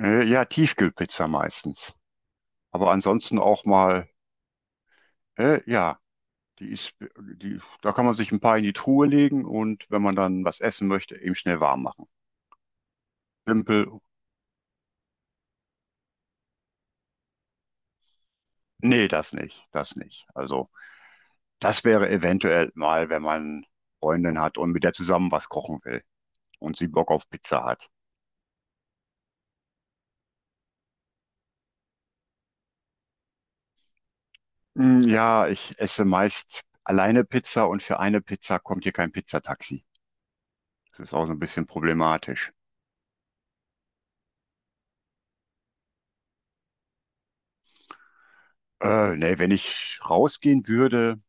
Ja, Tiefkühlpizza meistens. Aber ansonsten auch mal, ja, die ist, die, da kann man sich ein paar in die Truhe legen und wenn man dann was essen möchte, eben schnell warm machen. Simpel, nee, das nicht. Also, das wäre eventuell mal, wenn man Freundin hat und mit der zusammen was kochen will und sie Bock auf Pizza hat. Hm, ja, ich esse meist alleine Pizza und für eine Pizza kommt hier kein Pizzataxi. Das ist auch so ein bisschen problematisch. Nee, wenn ich rausgehen würde,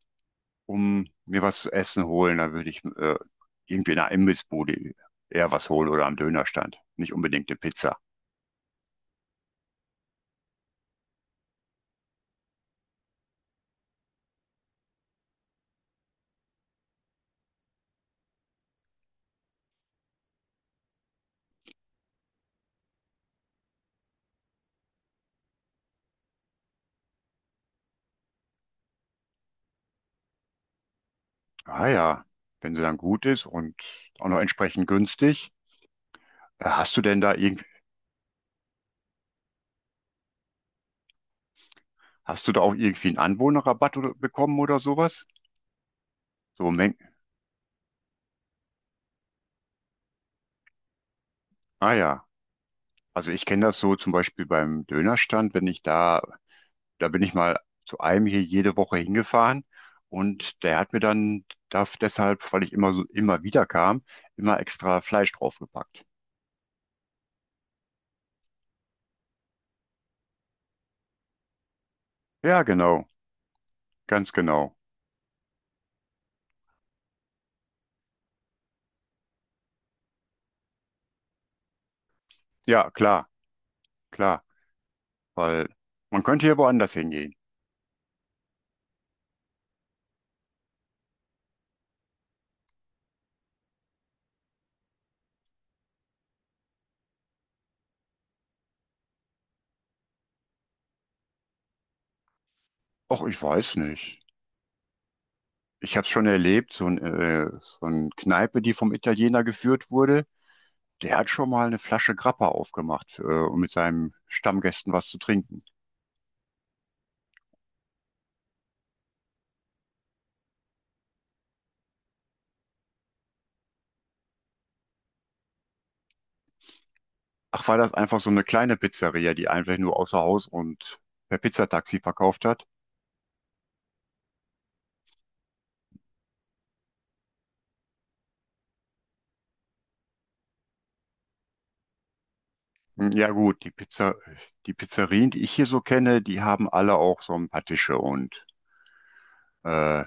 um mir was zu essen holen, dann würde ich irgendwie in einer Imbissbude eher was holen oder am Dönerstand. Nicht unbedingt eine Pizza. Ah ja, wenn sie dann gut ist und auch noch entsprechend günstig. Äh, Hast du denn da irgend, hast du da auch irgendwie einen Anwohnerrabatt oder, bekommen oder sowas? So um Mengen. Ah ja. Also ich kenne das so zum Beispiel beim Dönerstand, wenn ich da da bin ich mal zu einem hier jede Woche hingefahren und der hat mir dann darf deshalb, weil ich immer wieder kam, immer extra Fleisch draufgepackt. Ja, genau, ganz genau. Ja, klar, klar, weil man könnte hier woanders hingehen. Och, ich weiß nicht. Ich habe es schon erlebt, so ein Kneipe, die vom Italiener geführt wurde, der hat schon mal eine Flasche Grappa aufgemacht, um mit seinen Stammgästen was zu trinken. Ach, war das einfach so eine kleine Pizzeria, die einfach nur außer Haus und per Pizzataxi verkauft hat? Hm, ja gut, die Pizzerien, die ich hier so kenne, die haben alle auch so ein paar Tische und äh,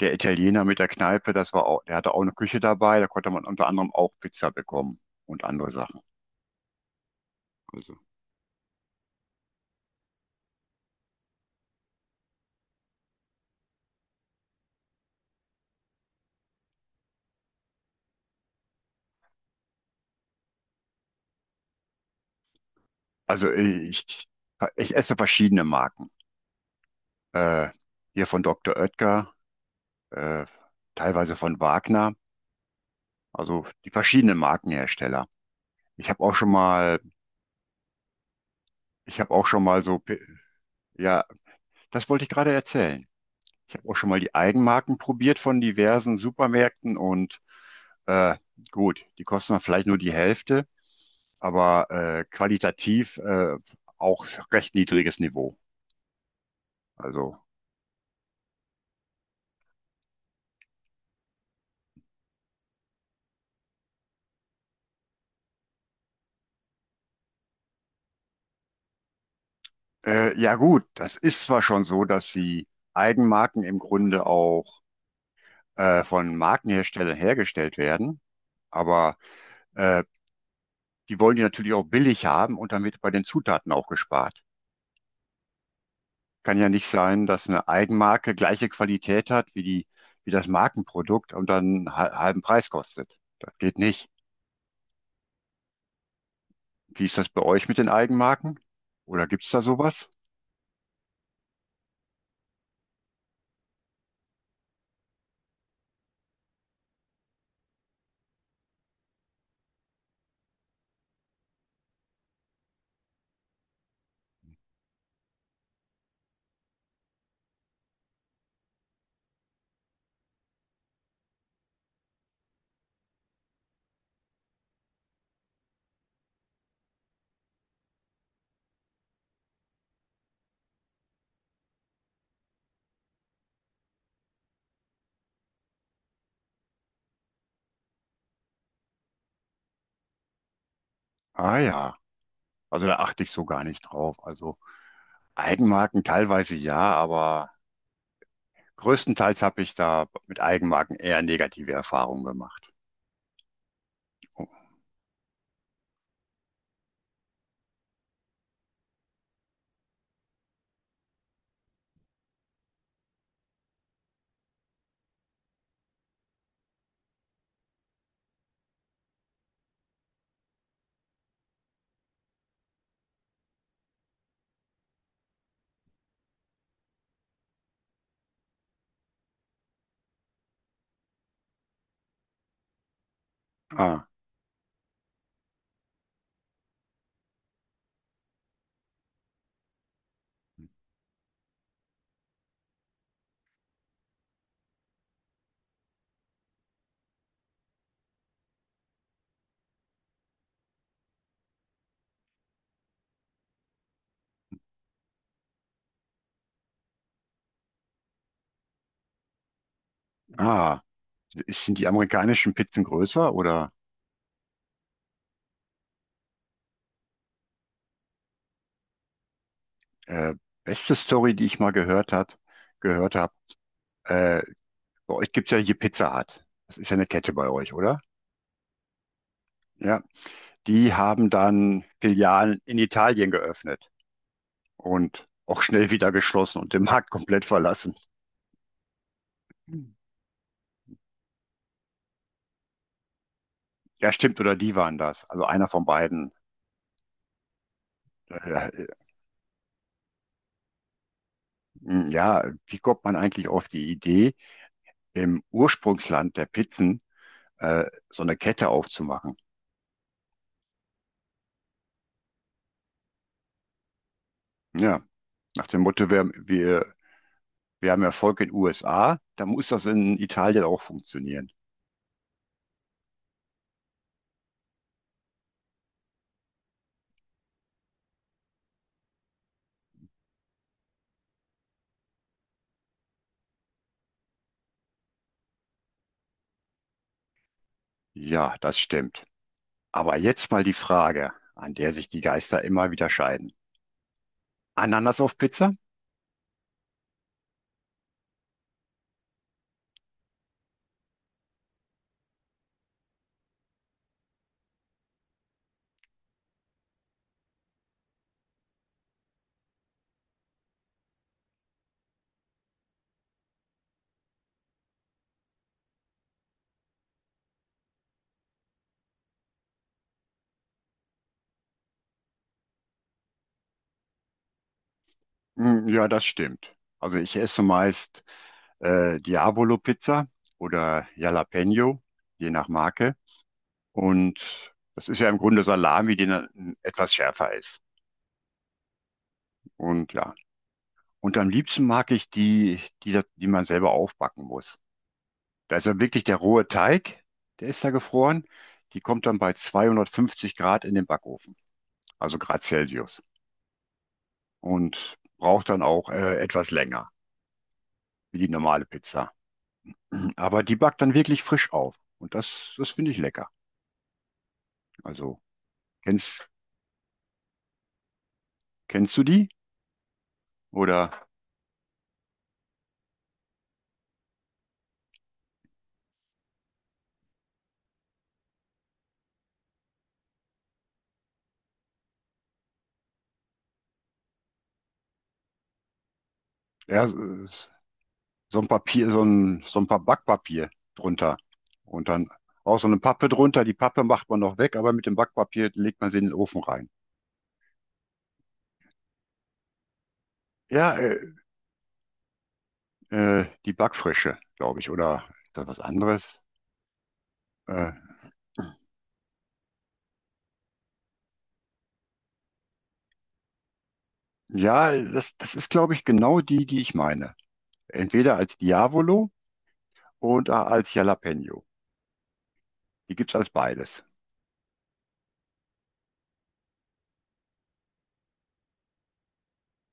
der Italiener mit der Kneipe, das war auch, der hatte auch eine Küche dabei, da konnte man unter anderem auch Pizza bekommen und andere Sachen. Also. Also äh, ich, ich esse verschiedene Marken. Äh, Hier von Dr. Oetker, äh, teilweise von Wagner, also die verschiedenen Markenhersteller. Ich habe auch schon mal, ich habe auch schon mal ja, das wollte ich gerade erzählen. Ich habe auch schon mal die Eigenmarken probiert von diversen Supermärkten und äh, gut, die kosten dann vielleicht nur die Hälfte, aber qualitativ auch recht niedriges Niveau. Also ja gut, das ist zwar schon so, dass die Eigenmarken im Grunde auch von Markenherstellern hergestellt werden, aber äh, die wollen die natürlich auch billig haben und dann wird bei den Zutaten auch gespart. Kann ja nicht sein, dass eine Eigenmarke gleiche Qualität hat wie wie das Markenprodukt und dann halben Preis kostet. Das geht nicht. Wie ist das bei euch mit den Eigenmarken? Oder gibt's da sowas? Ah ja, also da achte ich so gar nicht drauf. Also Eigenmarken teilweise ja, aber größtenteils habe ich da mit Eigenmarken eher negative Erfahrungen gemacht. Oh, ah, ah, sind die amerikanischen Pizzen größer oder äh, beste Story, die ich mal gehört habe, äh, bei euch gibt es ja hier Pizza Hut. Das ist ja eine Kette bei euch, oder? Ja. Die haben dann Filialen in Italien geöffnet und auch schnell wieder geschlossen und den Markt komplett verlassen. Ja, stimmt, oder die waren das. Also einer von beiden. Ja, ja, wie kommt man eigentlich auf die Idee im Ursprungsland der Pizzen äh, so eine Kette aufzumachen? Ja, nach dem Motto, wir haben Erfolg in den USA, dann muss das in Italien auch funktionieren. Ja, das stimmt. Aber jetzt mal die Frage, an der sich die Geister immer wieder scheiden. Ananas auf Pizza? Hm, ja, das stimmt. Also ich esse meist Diabolo-Pizza oder Jalapeno, je nach Marke. Und das ist ja im Grunde Salami, die dann etwas schärfer ist. Und ja, und am liebsten mag ich die man selber aufbacken muss. Da ist ja wirklich der rohe Teig, der ist da gefroren. Die kommt dann bei 250 Grad in den Backofen, also Grad Celsius. Und braucht dann auch etwas länger, wie die normale Pizza. Aber die backt dann wirklich frisch auf. Und das finde ich lecker. Also, kennst, kennst du die? Oder ja, so ein Papier, so ein paar Backpapier drunter. Und dann auch so eine Pappe drunter. Die Pappe macht man noch weg, aber mit dem Backpapier legt man sie in den Ofen rein. Ja, die Backfrische, glaube ich. Oder ist das was anderes? Äh, ja, das ist, glaube ich, genau die, die ich meine. Entweder als Diavolo oder als Jalapeno. Die gibt es als beides.